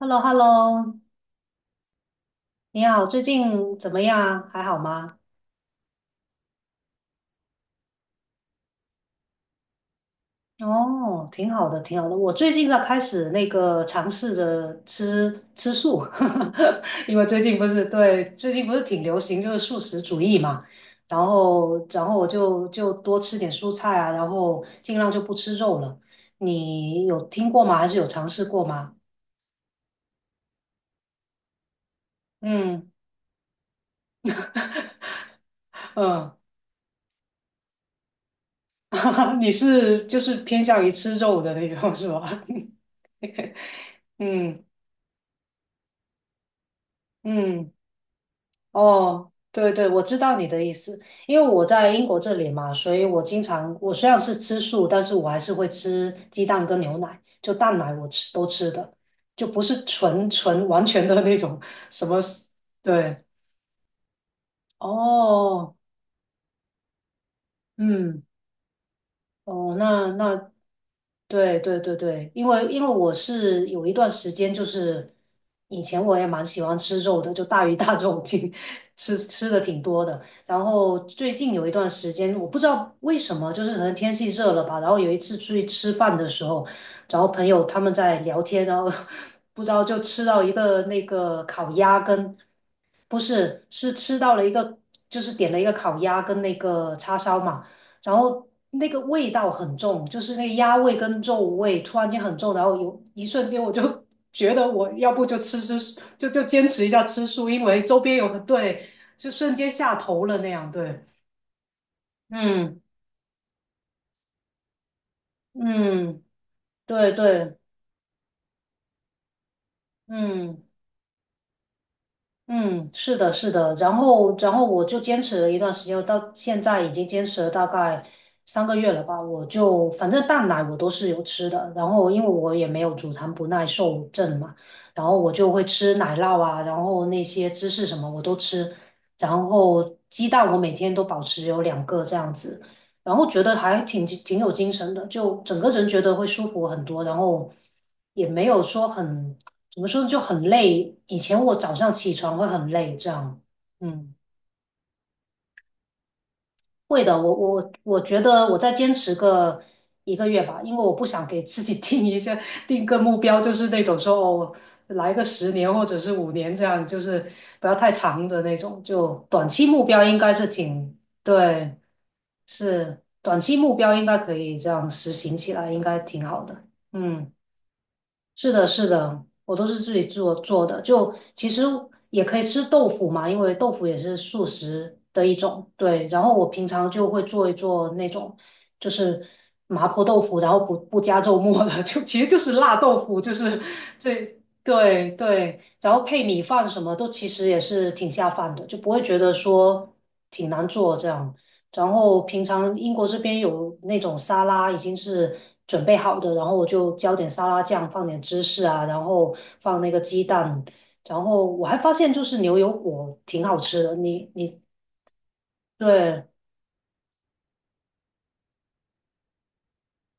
h e l l o h e l l o 你好，最近怎么样？还好吗？哦，挺好的，挺好的。我最近在开始那个尝试着吃吃素，因为最近不是挺流行就是素食主义嘛。然后我就多吃点蔬菜啊，然后尽量就不吃肉了。你有听过吗？还是有尝试过吗？嗯嗯，你是就是偏向于吃肉的那种是吧？嗯嗯。哦，对对，我知道你的意思，因为我在英国这里嘛，所以我经常，我虽然是吃素，但是我还是会吃鸡蛋跟牛奶，就蛋奶我吃都吃的，就不是纯纯完全的那种什么，对，哦，嗯，哦，那对对对对，因为我是有一段时间，就是以前我也蛮喜欢吃肉的，就大鱼大肉挺 吃的挺多的。然后最近有一段时间，我不知道为什么，就是可能天气热了吧。然后有一次出去吃饭的时候，然后朋友他们在聊天，然后 不知道就吃到一个那个烤鸭跟，不是，是吃到了一个，就是点了一个烤鸭跟那个叉烧嘛。然后那个味道很重，就是那个鸭味跟肉味突然间很重，然后有一瞬间我就 觉得我要不就就坚持一下吃素，因为周边有很对，就瞬间下头了那样，对，嗯嗯，对对，嗯。嗯，是的，是的，然后我就坚持了一段时间，到现在已经坚持了大概3个月了吧。我就反正蛋奶我都是有吃的，然后因为我也没有乳糖不耐受症嘛，然后我就会吃奶酪啊，然后那些芝士什么我都吃，然后鸡蛋我每天都保持有2个这样子，然后觉得还挺有精神的，就整个人觉得会舒服很多，然后也没有说很。怎么说就很累。以前我早上起床会很累，这样，嗯，会的。我觉得我再坚持个一个月吧，因为我不想给自己定一些定个目标，就是那种说哦，来个10年或者是5年这样，就是不要太长的那种。就短期目标应该是挺，对，是短期目标应该可以这样实行起来，应该挺好的。嗯。是的，是的，我都是自己做做的。就其实也可以吃豆腐嘛，因为豆腐也是素食的一种。对，然后我平常就会做一做那种，就是麻婆豆腐，然后不加肉末的，就其实就是辣豆腐，就是这对对，然后配米饭什么都其实也是挺下饭的，就不会觉得说挺难做这样。然后平常英国这边有那种沙拉已经是准备好的，然后我就浇点沙拉酱，放点芝士啊，然后放那个鸡蛋，然后我还发现就是牛油果挺好吃的。你对，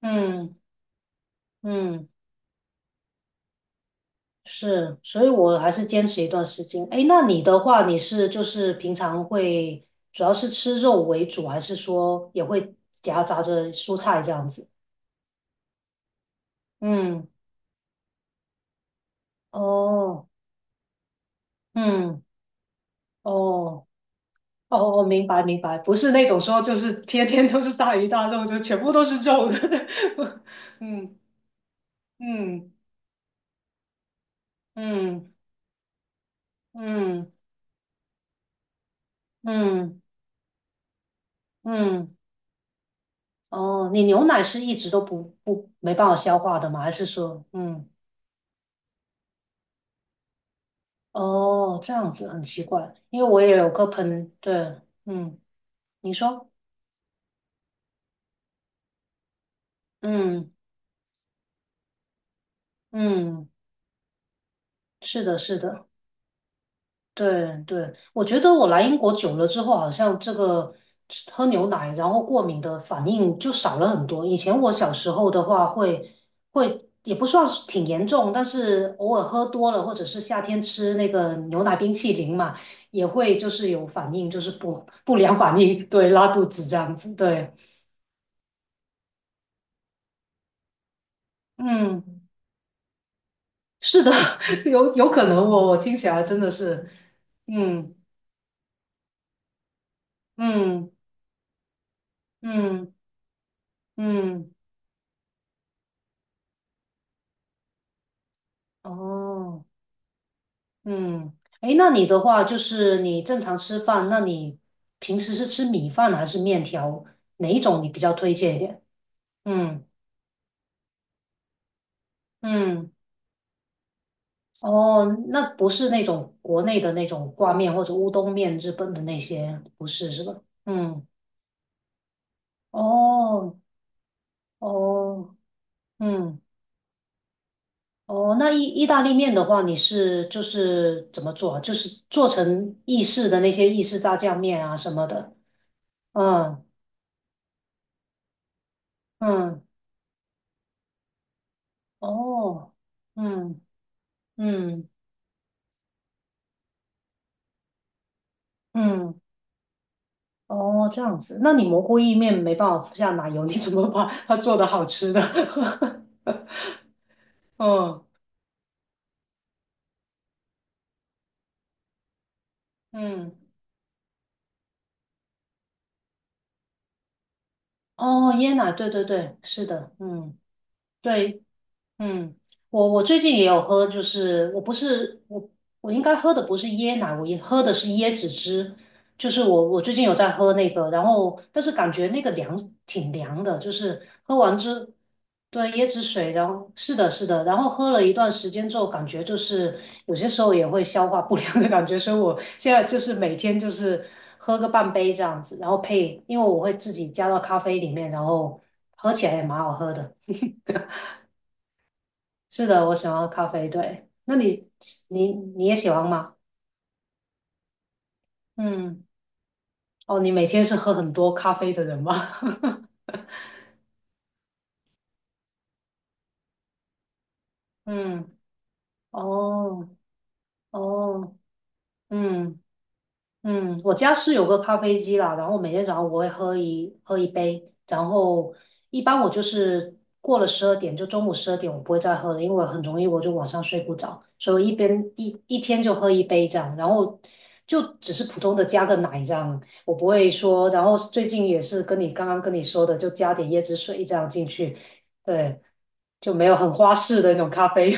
嗯嗯，是，所以我还是坚持一段时间。哎，那你的话，你是就是平常会主要是吃肉为主，还是说也会夹杂着蔬菜这样子？嗯，哦，嗯。哦，哦哦，明白明白，不是那种说就是天天都是大鱼大肉，就全部都是肉的。嗯嗯嗯嗯嗯嗯，哦，你牛奶是一直都不不没办法消化的吗？还是说，嗯，哦，这样子很奇怪，因为我也有个朋，对，嗯，你说，嗯嗯，是的，是的。对对，我觉得我来英国久了之后，好像这个吃喝牛奶然后过敏的反应就少了很多。以前我小时候的话会也不算是挺严重，但是偶尔喝多了，或者是夏天吃那个牛奶冰淇淋嘛，也会就是有反应，就是不良反应，对，拉肚子这样子。对，嗯，是的，有可能我听起来真的是，嗯嗯嗯嗯，哦。嗯，诶，那你的话就是你正常吃饭，那你平时是吃米饭还是面条？哪一种你比较推荐一点？嗯嗯，哦，那不是那种国内的那种挂面或者乌冬面，日本的那些不是是吧？嗯，哦哦，嗯哦，那意大利面的话，你是就是怎么做啊就是做成意式的那些意式炸酱面啊什么的。嗯嗯，哦。嗯。嗯嗯，哦，这样子，那你蘑菇意面没办法下奶油，你怎么把它做的好吃的？嗯嗯，哦，椰奶，对对对，是的，嗯，对，嗯，我最近也有喝，就是我应该喝的不是椰奶，我也喝的是椰子汁，就是我最近有在喝那个，然后但是感觉那个凉挺凉的，就是喝完之对椰子水，然后是的是的，然后喝了一段时间之后，感觉就是有些时候也会消化不良的感觉，所以我现在就是每天就是喝个半杯这样子，然后配，因为我会自己加到咖啡里面，然后喝起来也蛮好喝的。是的，我喜欢喝咖啡。对，那你也喜欢吗？嗯，哦，你每天是喝很多咖啡的人吗？嗯，哦哦，嗯，嗯，我家是有个咖啡机啦，然后每天早上我会喝一杯，然后一般我就是过了十二点，就中午十二点我不会再喝了，因为很容易我就晚上睡不着，所以一天就喝一杯这样，然后就只是普通的加个奶这样，我不会说，然后最近也是跟你刚刚跟你说的，就加点椰子水这样进去，对，就没有很花式的那种咖啡，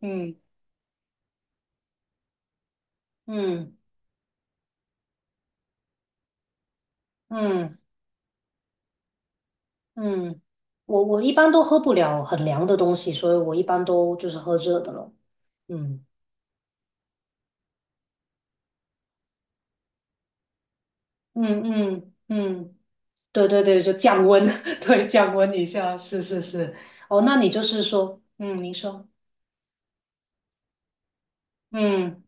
嗯嗯嗯。嗯，我一般都喝不了很凉的东西，所以我一般都就是喝热的了。嗯嗯嗯嗯，对对对，就降温，对，降温一下，是是是。哦，那你就是说，嗯，您说，嗯。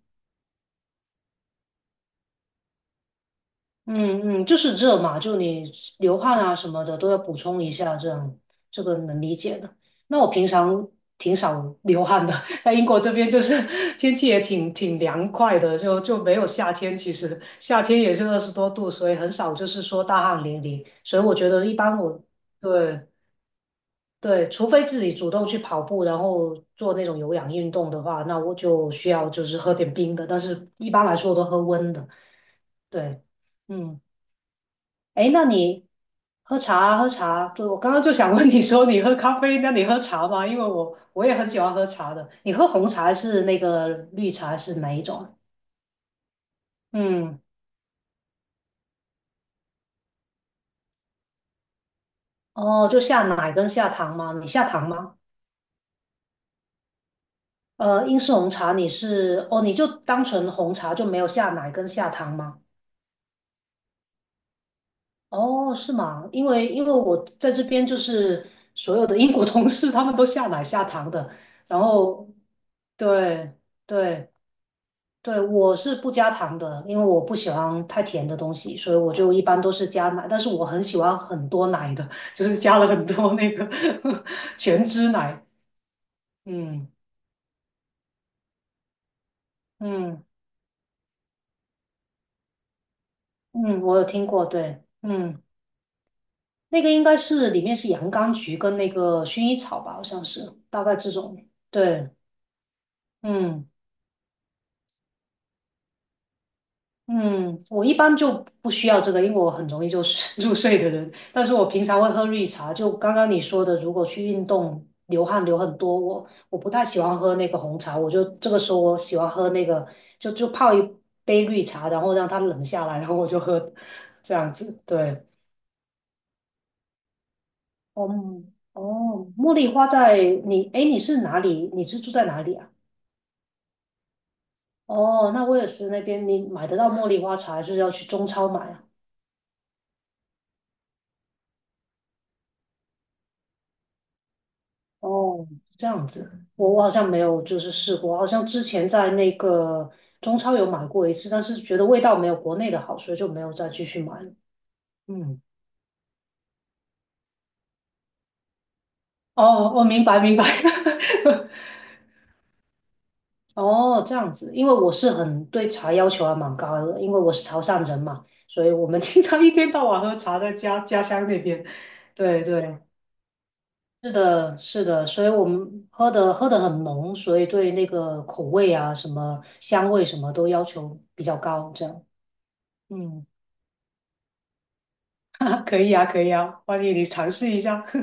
嗯嗯，就是热嘛，就你流汗啊什么的都要补充一下，这样这个能理解的。那我平常挺少流汗的，在英国这边就是 天气也挺凉快的，就没有夏天。其实夏天也是20多度，所以很少就是说大汗淋漓。所以我觉得一般我对对，除非自己主动去跑步，然后做那种有氧运动的话，那我就需要就是喝点冰的，但是一般来说我都喝温的。对，嗯。哎，那你喝茶啊喝茶啊，对，我刚刚就想问你说你喝咖啡，那你喝茶吗？因为我也很喜欢喝茶的。你喝红茶还是那个绿茶还是哪一种啊嗯，哦，就下奶跟下糖吗？你下糖吗？英式红茶你是哦，你就单纯红茶就没有下奶跟下糖吗？哦，是吗？因为我在这边就是所有的英国同事他们都下奶下糖的，然后对对。对，我是不加糖的，因为我不喜欢太甜的东西，所以我就一般都是加奶。但是我很喜欢很多奶的，就是加了很多那个 全脂奶。嗯嗯嗯，我有听过，对，嗯，那个应该是里面是洋甘菊跟那个薰衣草吧，好像是，大概这种。对，嗯。嗯，我一般就不需要这个，因为我很容易就是 入睡的人。但是我平常会喝绿茶，就刚刚你说的，如果去运动流汗流很多，我不太喜欢喝那个红茶，我就这个时候我喜欢喝那个，就泡一杯绿茶，然后让它冷下来，然后我就喝，这样子。对，哦哦，茉莉花在你，哎，你是哪里？你是住在哪里啊？哦，那威尔斯那边你买得到茉莉花茶，还是要去中超买啊？哦，这样子，我好像没有就是试过，好像之前在那个中超有买过一次，但是觉得味道没有国内的好，所以就没有再继续买了。嗯，哦，我明白明白。哦，这样子，因为我是很对茶要求还蛮高的，因为我是潮汕人嘛，所以我们 经常一天到晚喝茶，在家乡那边。对对，是的，是的，所以我们喝的很浓，所以对那个口味啊、什么香味什么都要求比较高，这样。嗯，啊，可以啊，可以啊，欢迎你尝试一下。